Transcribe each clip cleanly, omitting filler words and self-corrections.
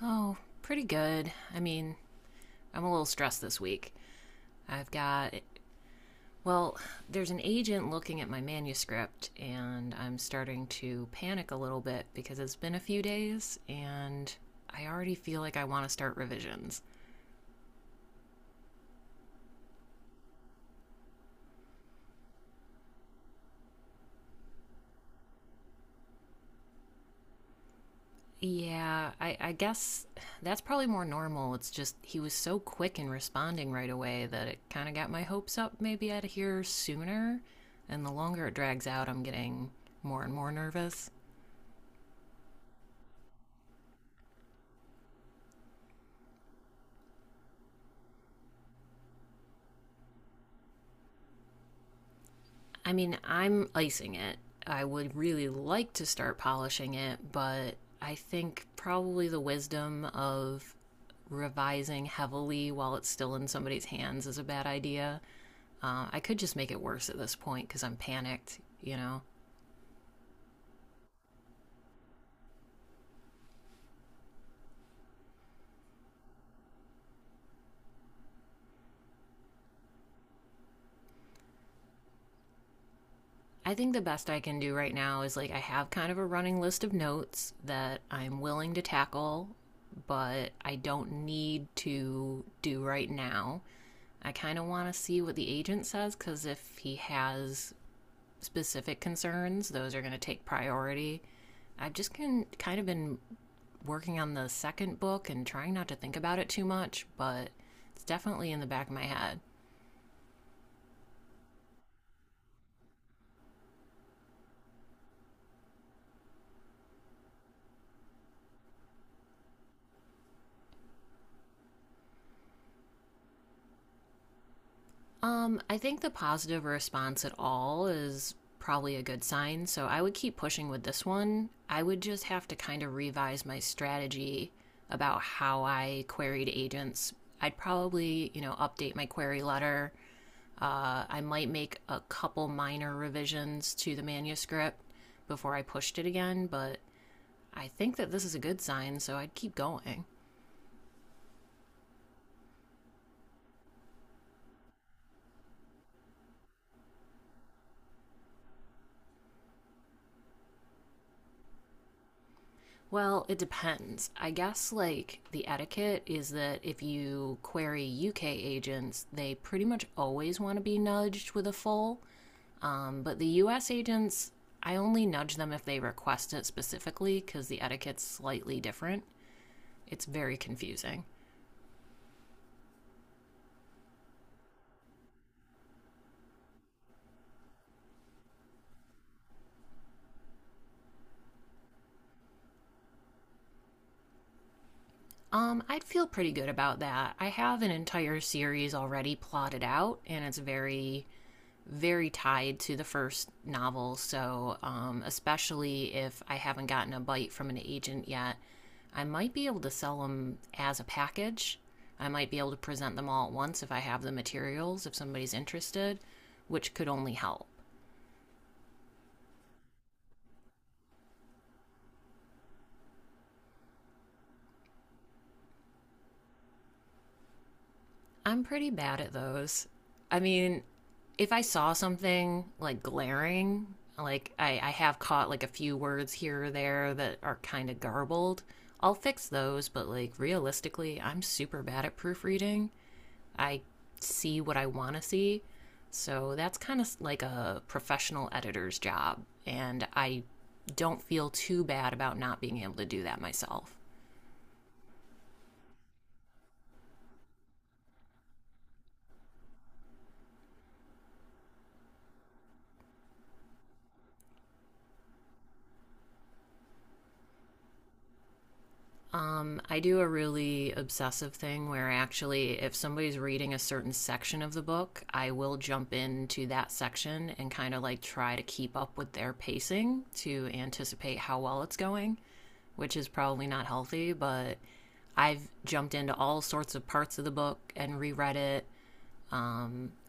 Oh, pretty good. I'm a little stressed this week. I've got, well, there's an agent looking at my manuscript, and I'm starting to panic a little bit because it's been a few days, and I already feel like I want to start revisions. Yeah, I guess that's probably more normal. It's just he was so quick in responding right away that it kind of got my hopes up. Maybe I'd hear sooner. And the longer it drags out, I'm getting more and more nervous. I mean, I'm icing it. I would really like to start polishing it, but I think probably the wisdom of revising heavily while it's still in somebody's hands is a bad idea. I could just make it worse at this point because I'm panicked. I think the best I can do right now is like I have kind of a running list of notes that I'm willing to tackle, but I don't need to do right now. I kind of want to see what the agent says because if he has specific concerns, those are going to take priority. I've just been kind of been working on the second book and trying not to think about it too much, but it's definitely in the back of my head. I think the positive response at all is probably a good sign, so I would keep pushing with this one. I would just have to kind of revise my strategy about how I queried agents. I'd probably, update my query letter. I might make a couple minor revisions to the manuscript before I pushed it again, but I think that this is a good sign, so I'd keep going. Well, it depends. I guess, like, the etiquette is that if you query UK agents, they pretty much always want to be nudged with a full. But the US agents, I only nudge them if they request it specifically because the etiquette's slightly different. It's very confusing. I'd feel pretty good about that. I have an entire series already plotted out, and it's very, very tied to the first novel. So, especially if I haven't gotten a bite from an agent yet, I might be able to sell them as a package. I might be able to present them all at once if I have the materials, if somebody's interested, which could only help. I'm pretty bad at those. I mean, if I saw something like glaring, like I have caught like a few words here or there that are kind of garbled, I'll fix those. But like realistically, I'm super bad at proofreading. I see what I want to see. So that's kind of like a professional editor's job. And I don't feel too bad about not being able to do that myself. I do a really obsessive thing where actually, if somebody's reading a certain section of the book, I will jump into that section and kind of like try to keep up with their pacing to anticipate how well it's going, which is probably not healthy, but I've jumped into all sorts of parts of the book and reread it.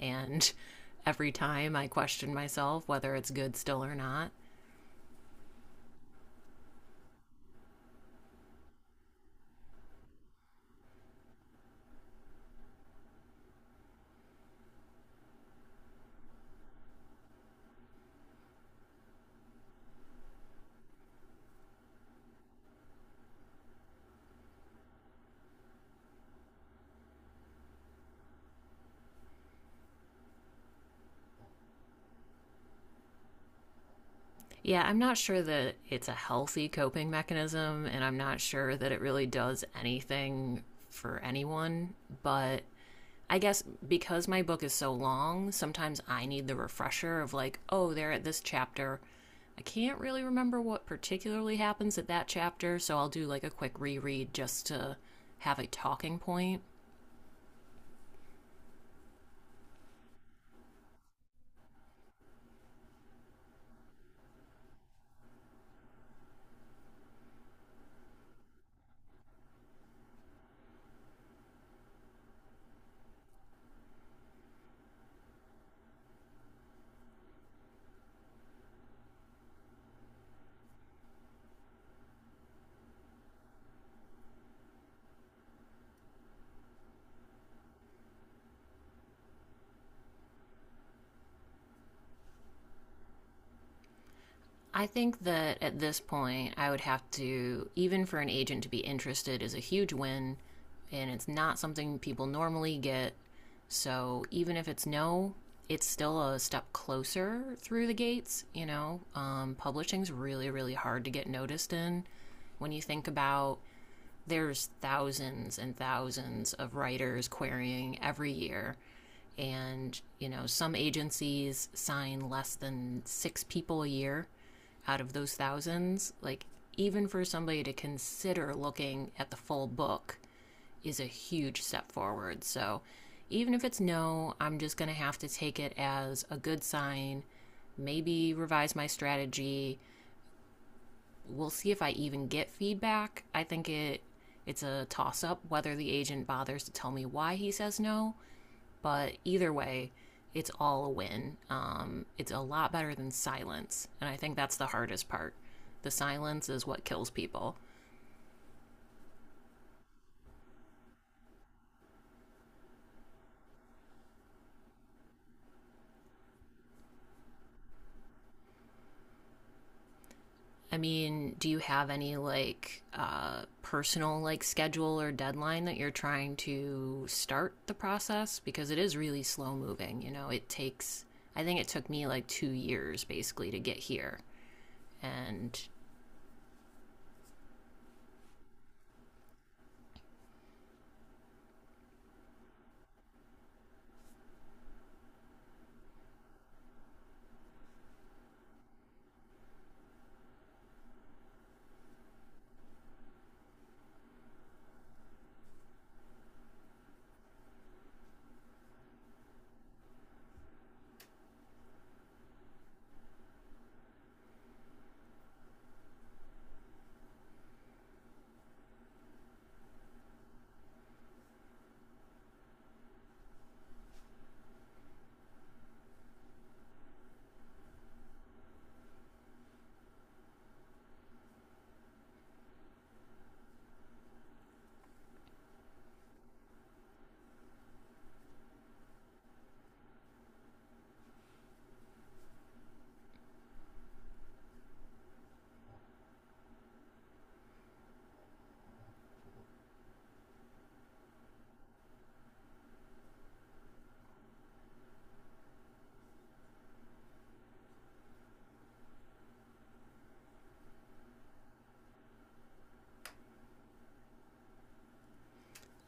And every time I question myself whether it's good still or not. Yeah, I'm not sure that it's a healthy coping mechanism, and I'm not sure that it really does anything for anyone. But I guess because my book is so long, sometimes I need the refresher of, like, oh, they're at this chapter. I can't really remember what particularly happens at that chapter, so I'll do like a quick reread just to have a talking point. I think that at this point, I would have to, even for an agent to be interested, is a huge win, and it's not something people normally get. So even if it's no, it's still a step closer through the gates. Publishing's really, really hard to get noticed in. When you think about there's thousands and thousands of writers querying every year. And, some agencies sign less than six people a year out of those thousands. Like, even for somebody to consider looking at the full book is a huge step forward. So, even if it's no, I'm just going to have to take it as a good sign, maybe revise my strategy, we'll see if I even get feedback. I think it's a toss up whether the agent bothers to tell me why he says no, but either way, it's all a win. It's a lot better than silence, and I think that's the hardest part. The silence is what kills people. I mean, do you have any like personal like schedule or deadline that you're trying to start the process? Because it is really slow moving. You know, it takes. I think it took me like two years basically to get here. And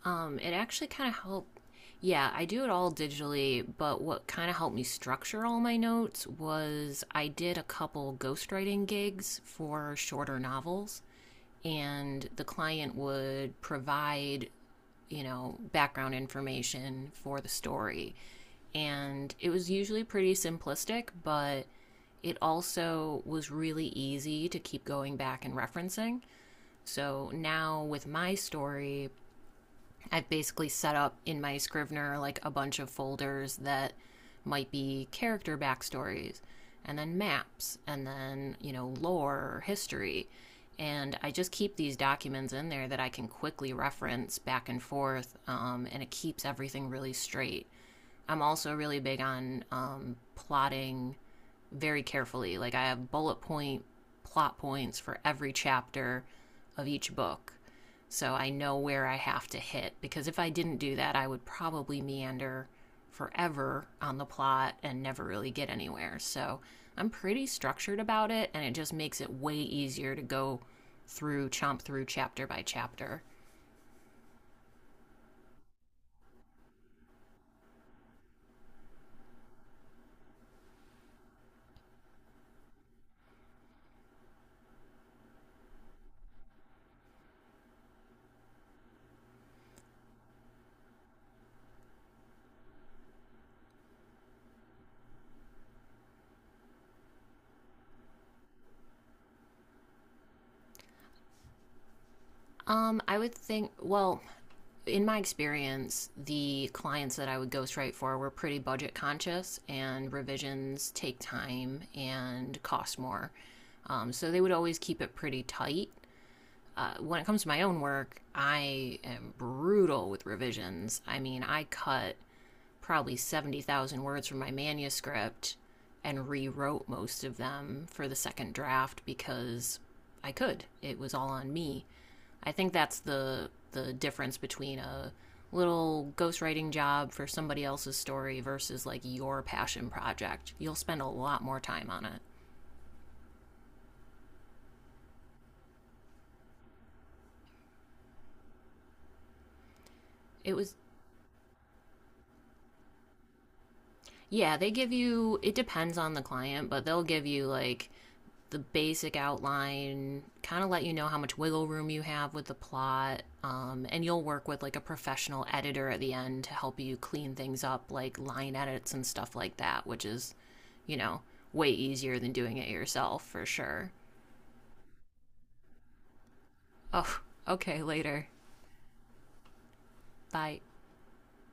It actually kind of helped. Yeah, I do it all digitally, but what kind of helped me structure all my notes was I did a couple ghostwriting gigs for shorter novels, and the client would provide, background information for the story. And it was usually pretty simplistic, but it also was really easy to keep going back and referencing. So now with my story, I've basically set up in my Scrivener like a bunch of folders that might be character backstories and then maps and then, lore or history. And I just keep these documents in there that I can quickly reference back and forth, and it keeps everything really straight. I'm also really big on plotting very carefully. Like I have bullet point plot points for every chapter of each book. So I know where I have to hit because if I didn't do that, I would probably meander forever on the plot and never really get anywhere. So I'm pretty structured about it and it just makes it way easier to go through chapter by chapter. I would think, well, in my experience, the clients that I would ghostwrite for were pretty budget conscious, and revisions take time and cost more. So they would always keep it pretty tight. When it comes to my own work, I am brutal with revisions. I mean, I cut probably 70,000 words from my manuscript and rewrote most of them for the second draft because I could. It was all on me. I think that's the difference between a little ghostwriting job for somebody else's story versus like your passion project. You'll spend a lot more time on it. It was. Yeah, they give you, it depends on the client, but they'll give you like the basic outline, kind of let you know how much wiggle room you have with the plot, and you'll work with like a professional editor at the end to help you clean things up, like line edits and stuff like that, which is, you know, way easier than doing it yourself for sure. Oh, okay, later. Bye.